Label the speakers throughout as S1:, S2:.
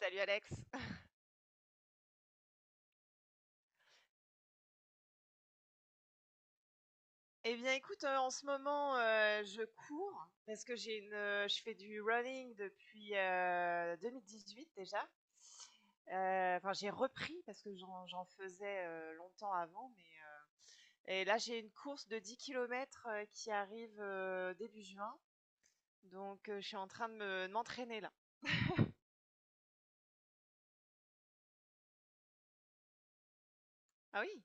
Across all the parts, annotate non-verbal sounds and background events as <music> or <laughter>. S1: Salut Alex. <laughs> Eh bien, écoute, en ce moment, je cours parce que je fais du running depuis 2018 déjà. Enfin, j'ai repris parce que j'en faisais longtemps avant, et là j'ai une course de 10 km qui arrive début juin, donc je suis en train de m'entraîner là. Ah oui?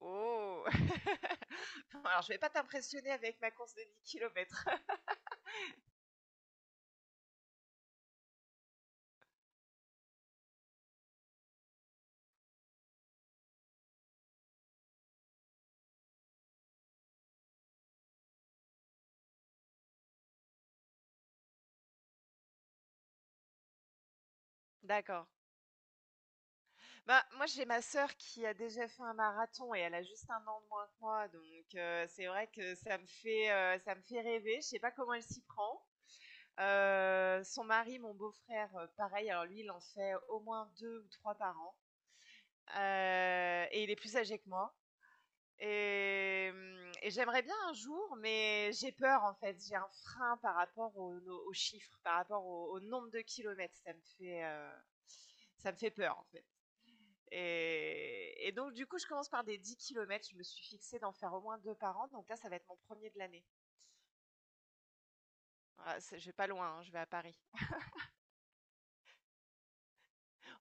S1: Oh! <laughs> Alors, je vais pas t'impressionner avec ma course de 10 kilomètres. <laughs> D'accord. Bah, moi, j'ai ma sœur qui a déjà fait un marathon et elle a juste 1 an de moins que moi, donc c'est vrai que ça me fait rêver. Je sais pas comment elle s'y prend. Son mari, mon beau-frère, pareil, alors lui, il en fait au moins 2 ou 3 par an, et il est plus âgé que moi et et j'aimerais bien un jour, mais j'ai peur, en fait. J'ai un frein par rapport au no aux chiffres, par rapport au nombre de kilomètres. Ça me fait peur, en fait. Et donc, du coup, je commence par des 10 kilomètres. Je me suis fixée d'en faire au moins deux par an. Donc là, ça va être mon premier de l'année. Je vais pas loin, hein, je vais à Paris.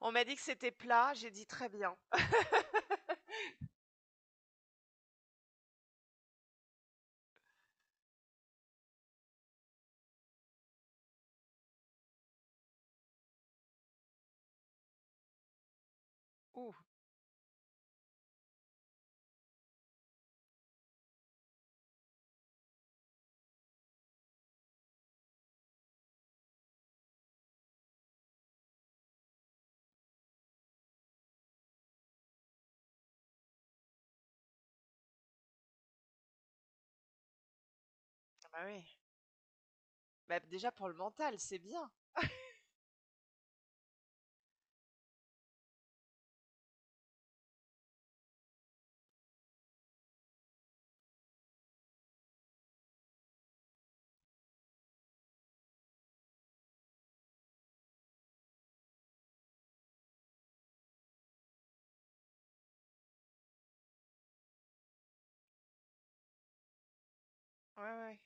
S1: On m'a dit que c'était plat. J'ai dit très bien. Ouh, ah bah oui. Bah, déjà, pour le mental, c'est bien. Ouais, ouais.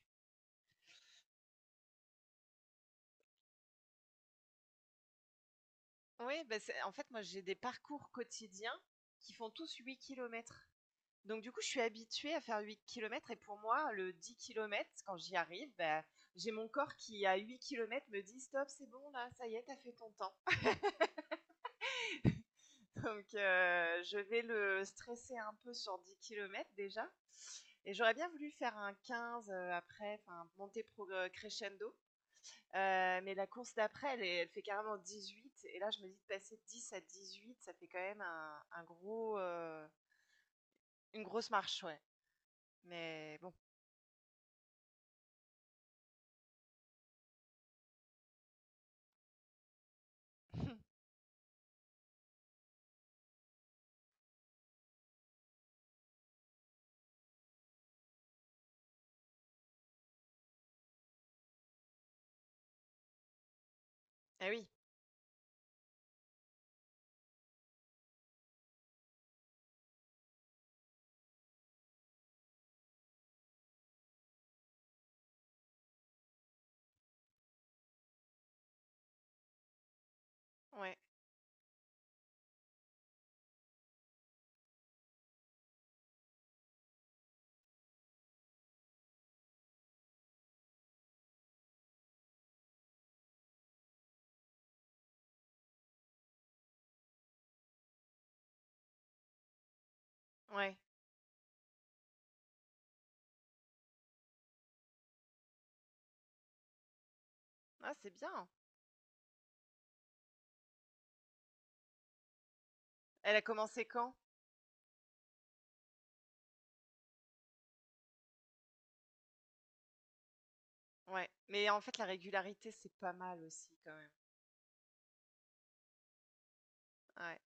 S1: Oui, en fait, moi, j'ai des parcours quotidiens qui font tous 8 kilomètres. Donc, du coup, je suis habituée à faire 8 kilomètres. Et pour moi, le 10 kilomètres, quand j'y arrive, bah, j'ai mon corps qui, à 8 kilomètres me dit Stop, c'est bon, là, ça y est, t'as fait ton temps. Donc, je vais le stresser un peu sur 10 kilomètres déjà. Et j'aurais bien voulu faire un 15 après, enfin crescendo. Mais la course d'après, elle, elle fait carrément 18. Et là, je me dis de passer de 10 à 8, ça fait quand même un gros, une grosse marche, ouais. Mais bon. <laughs> Ah oui, ouais, ouais. Ah, c'est bien. Elle a commencé quand? Ouais. Mais en fait, la régularité, c'est pas mal aussi, quand même. Ouais.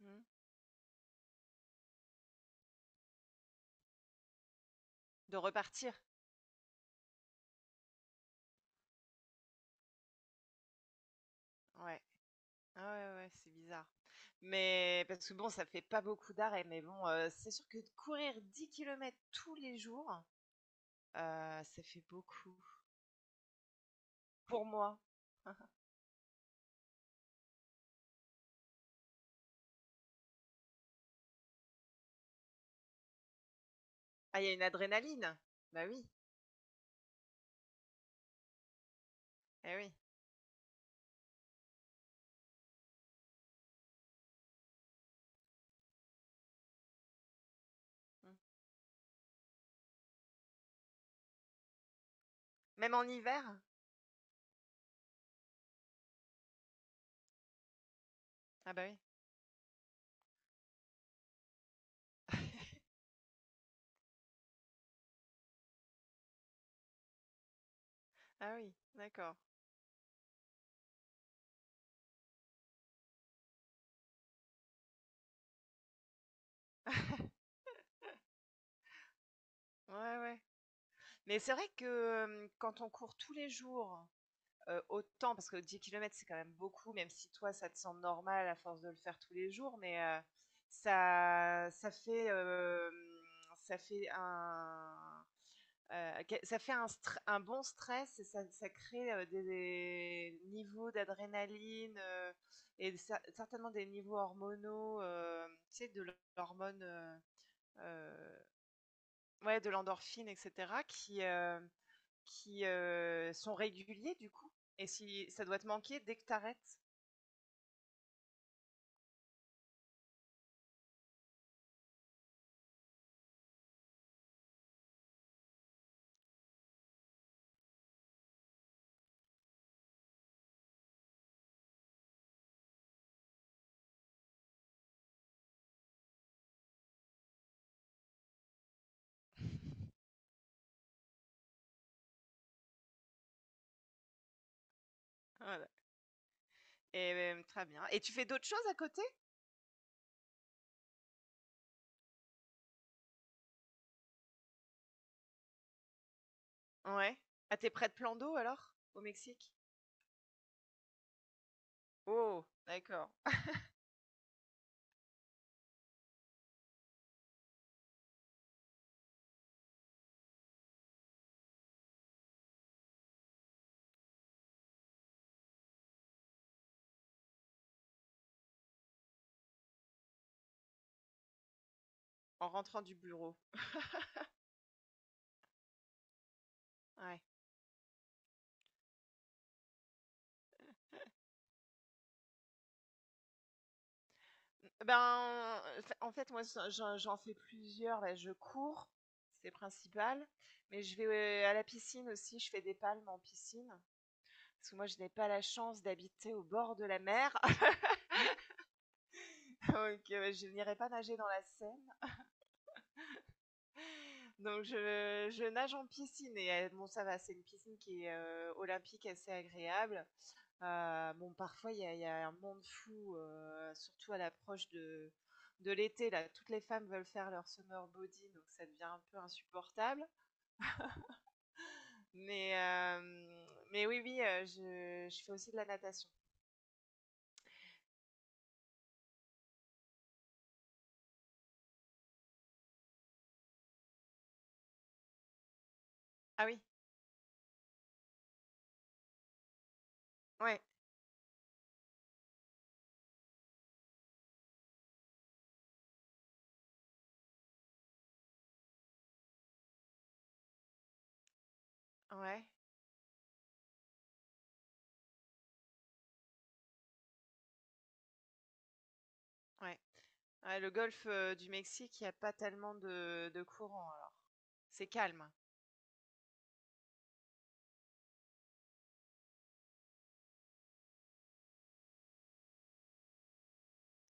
S1: Hmm. De repartir. Ouais. Ah ouais, ouais, c'est bizarre. Mais parce que bon, ça fait pas beaucoup d'arrêts, mais bon, c'est sûr que de courir 10 kilomètres tous les jours, ça fait beaucoup pour moi. <laughs> Ah, il y a une adrénaline? Bah oui, eh oui, mmh. Même en hiver? Ah bah oui. Ah oui, d'accord. Ouais, ouais. Mais c'est vrai que, quand on court tous les jours autant, parce que 10 kilomètres c'est quand même beaucoup, même si toi ça te semble normal à force de le faire tous les jours, ça fait, ça fait un, ça fait un bon stress et ça crée des niveaux d'adrénaline et certainement des niveaux hormonaux, tu sais, de l'hormone, euh, euh, ouais, de l'endorphine, etc., qui sont réguliers du coup. Et si ça doit te manquer dès que t'arrêtes. Voilà. Très bien. Et tu fais d'autres choses à côté? Ouais. Ah, t'es près de plan d'eau alors? Au Mexique? Oh, d'accord. En rentrant du bureau. Ouais. Ben, en fait, moi, j'en fais plusieurs. Là. Je cours, c'est principal. Mais je vais à la piscine aussi. Je fais des palmes en piscine. Parce que moi, je n'ai pas la chance d'habiter au bord de la mer. <laughs> Donc, je n'irai pas nager dans la Seine. Donc je nage en piscine et bon ça va, c'est une piscine qui est olympique, assez agréable. Bon parfois il y a un monde fou, surtout à l'approche de l'été là, toutes les femmes veulent faire leur summer body donc ça devient un peu insupportable. Mais euh, mais oui oui, je fais aussi de la natation. Ah oui, ouais, ouais, ouais. Ouais, le golfe du Mexique, il n'y a pas tellement de courant alors. C'est calme.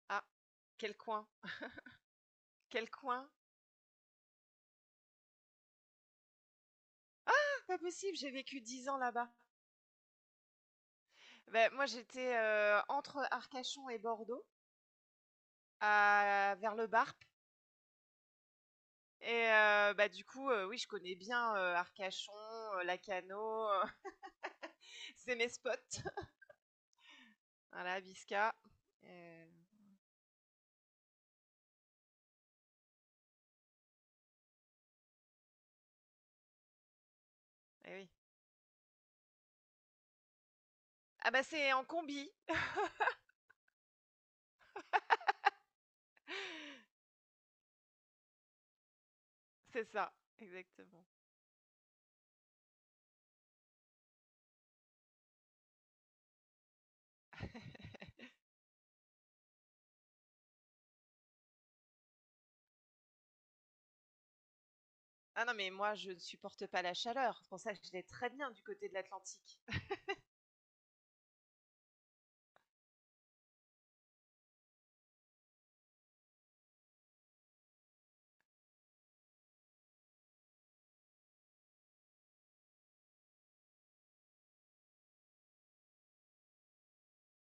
S1: Ah, quel coin, quel coin? Pas possible, j'ai vécu 10 ans là-bas. Ben moi, j'étais entre Arcachon et Bordeaux, vers le Barp. Et bah, du coup, oui, je connais bien Arcachon, Lacano, <laughs> c'est mes spots. Voilà, Bisca. Euh, eh oui. Ah bah c'est en combi, <laughs> c'est ça, exactement. <laughs> Ah non, mais moi, je ne supporte pas la chaleur. C'est pour ça que je l'ai très bien du côté de l'Atlantique. <laughs>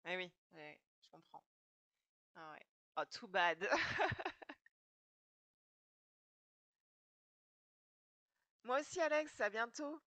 S1: Eh oui, ouais, je comprends. Ah ouais. Oh, too bad. <laughs> Moi aussi, Alex, à bientôt.